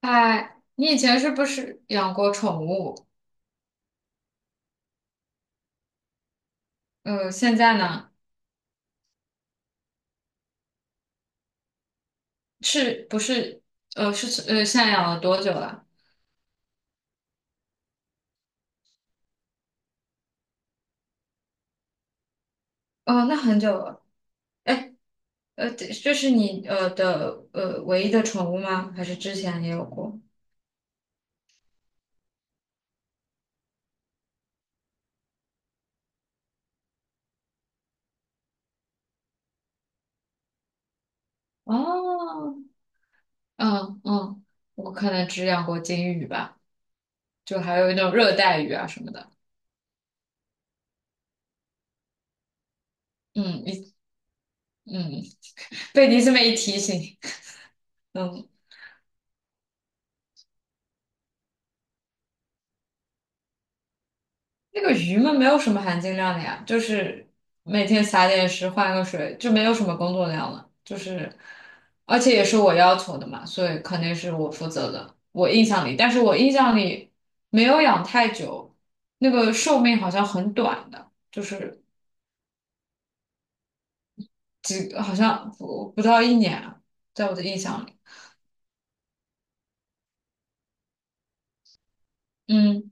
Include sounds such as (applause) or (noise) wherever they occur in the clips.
哎，你以前是不是养过宠物？现在呢？是不是？现在养了多久了？哦，那很久了。哎，这是你的唯一的宠物吗？还是之前也有过？哦，嗯嗯，我可能只养过金鱼吧，就还有那种热带鱼啊什么的。嗯，一嗯，被你这么一提醒，(laughs) 嗯。那个鱼嘛，没有什么含金量的呀，就是每天撒点食，换个水，就没有什么工作量了。就是，而且也是我要求的嘛，所以肯定是我负责的。我印象里，但是我印象里没有养太久，那个寿命好像很短的，就是好像不到一年啊，在我的印象里。嗯，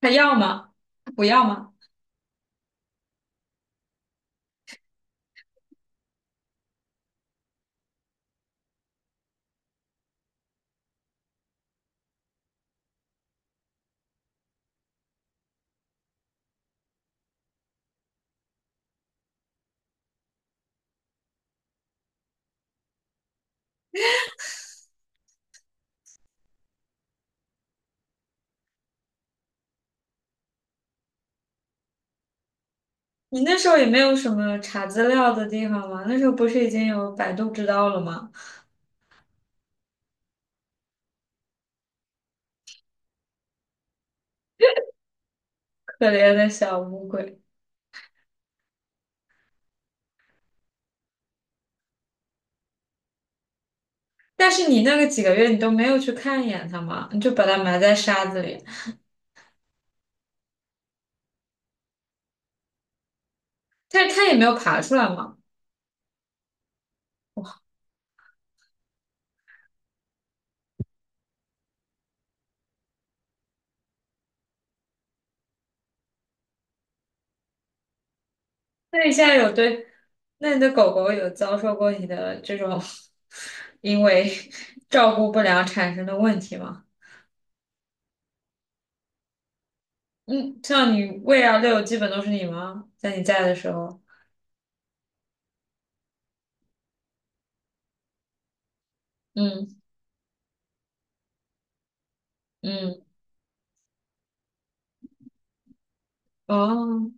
还要吗？不要吗？你那时候也没有什么查资料的地方吗？那时候不是已经有百度知道了吗？可怜的小乌龟。但是你那个几个月你都没有去看一眼它嘛，你就把它埋在沙子里，但是它也没有爬出来嘛。那你现在有对，那你的狗狗有遭受过你的这种因为照顾不良产生的问题吗？嗯，像你喂啊遛，基本都是你吗？在你在的时候，嗯嗯，哦，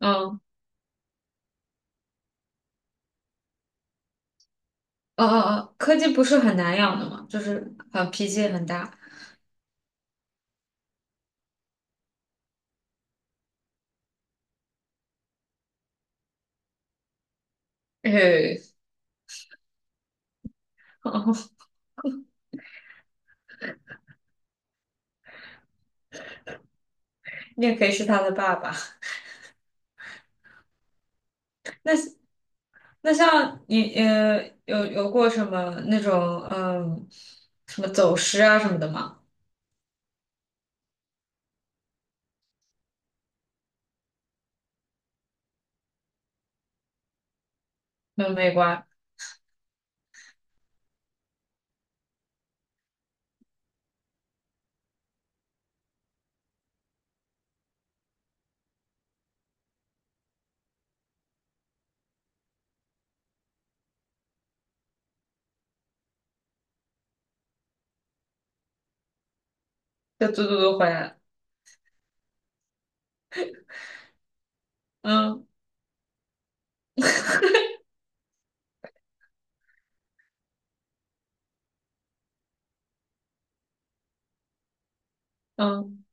嗯哦哦哦，柯基不是很难养的吗？就是很脾气也很大，嘿，(laughs) 哦，你也可以是它的爸爸。那像你有过什么那种嗯，什么走失啊什么的吗？那有没关，就嘟嘟嘟回来了。嗯嗯，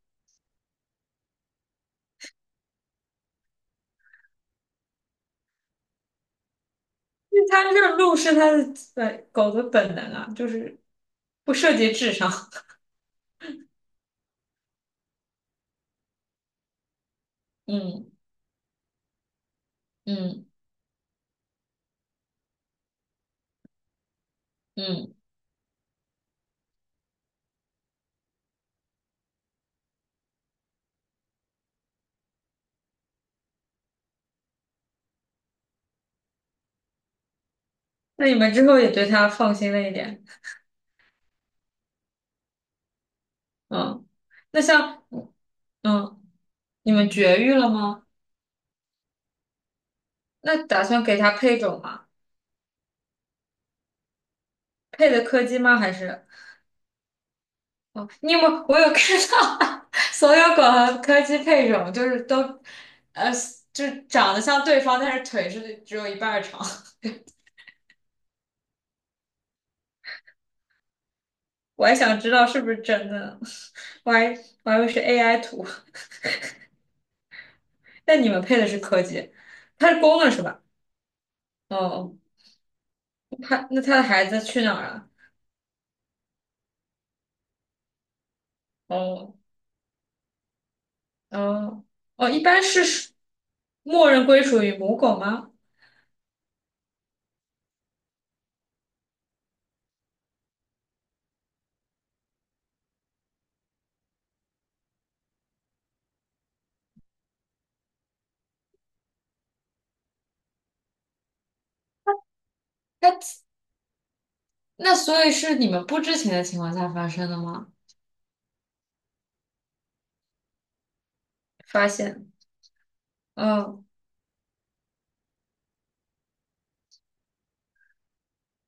因为它这个路是它的本狗的本能啊，就是不涉及智商。嗯嗯嗯，那你们之后也对它放心了一点。嗯，那像嗯，你们绝育了吗？那打算给它配种吗？配的柯基吗？还是？哦，你有没有？我有看到 (laughs) 所有狗和柯基配种，就是都，呃，就是长得像对方，但是腿是只有一半儿长。(laughs) 我还想知道是不是真的呢 (laughs) 我还我还以为是 AI 图。(laughs) 但你们配的是柯基，它是公的是吧？哦，它那它的孩子去哪儿了？哦哦哦，一般是默认归属于母狗吗？那那所以是你们不知情的情况下发生的吗？发现，嗯。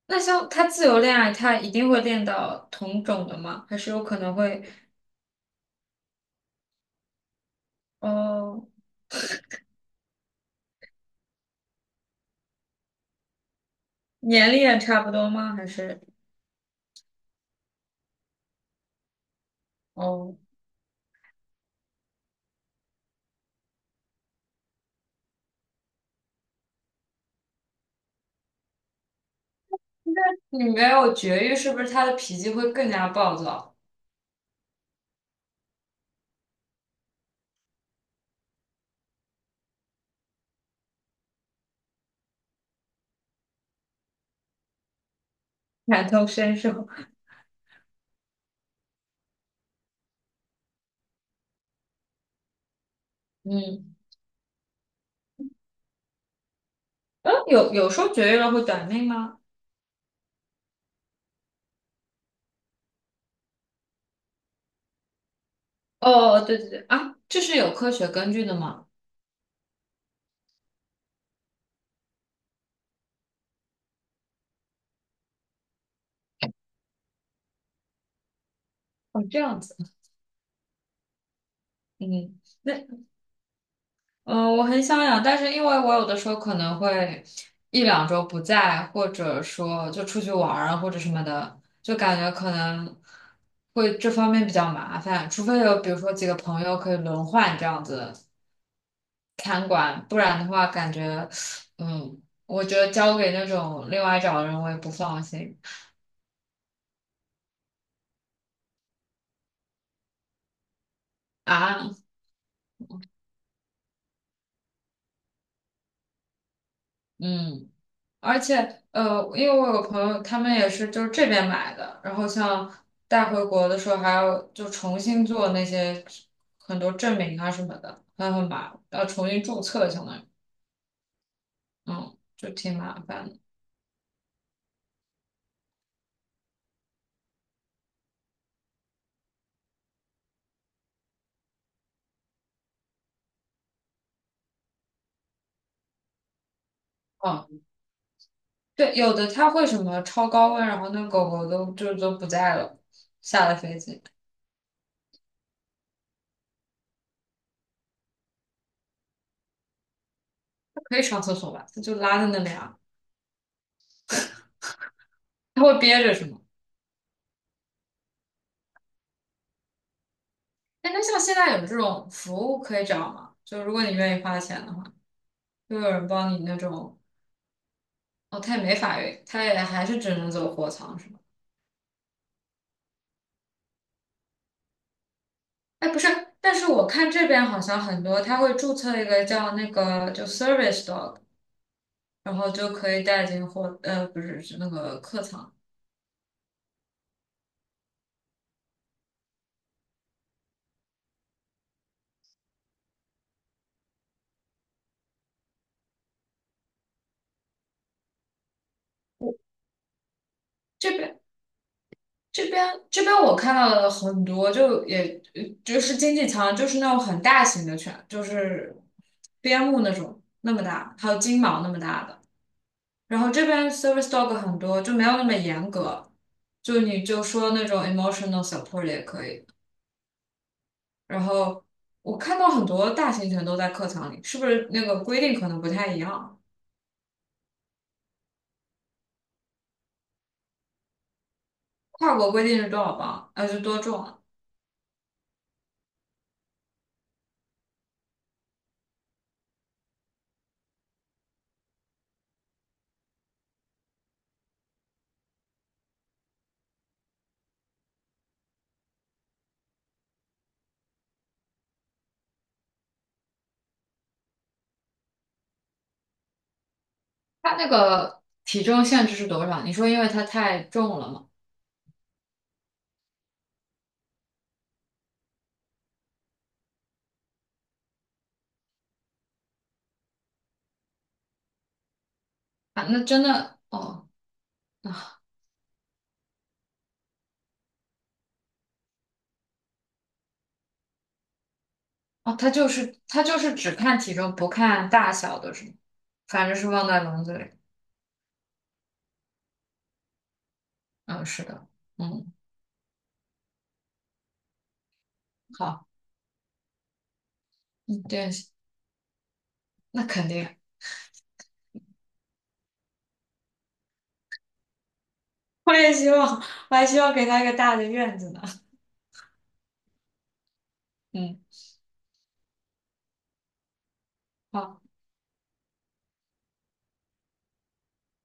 那像他自由恋爱，他一定会恋到同种的吗？还是有可能会，哦，年龄也差不多吗？还是哦，你没有绝育，是不是他的脾气会更加暴躁？感同身受？嗯，有说绝育了会短命吗？哦，对对对，啊，这是有科学根据的吗？哦，这样子，嗯，那嗯，我很想养，但是因为我有的时候可能会一两周不在，或者说就出去玩儿啊，或者什么的，就感觉可能会这方面比较麻烦，除非有比如说几个朋友可以轮换这样子看管，不然的话感觉，嗯，我觉得交给那种另外找的人我也不放心啊，嗯。而且，因为我有个朋友，他们也是就是这边买的，然后像带回国的时候还要就重新做那些很多证明啊什么的，还很麻烦，要重新注册，相当于，嗯，就挺麻烦的。哦，对，有的它会什么超高温，然后那狗狗都就都不在了，下了飞机，它可以上厕所吧？它就拉在那里啊，它会憋着是吗？哎，那像现在有这种服务可以找吗？就如果你愿意花钱的话，就有人帮你那种。哦，他也没法运，他也还是只能走货仓是吗？哎，不是，但是我看这边好像很多，他会注册一个叫那个就 service dog，然后就可以带进货，呃，不是是那个客仓。这边这边我看到的很多，就也呃就是经济舱，就是那种很大型的犬，就是边牧那种那么大，还有金毛那么大的。然后这边 service dog 很多，就没有那么严格，就你就说那种 emotional support 也可以。然后我看到很多大型犬都在客舱里，是不是那个规定可能不太一样？跨国规定是多少磅？呃，是多重啊？它那个体重限制是多少？你说因为它太重了吗？啊，那真的哦哦，它就是只看体重不看大小的是吗？反正是放在笼子里。嗯，是的，嗯，好，嗯，对，那肯定，我也希望，我还希望给他一个大的院子呢。嗯。好。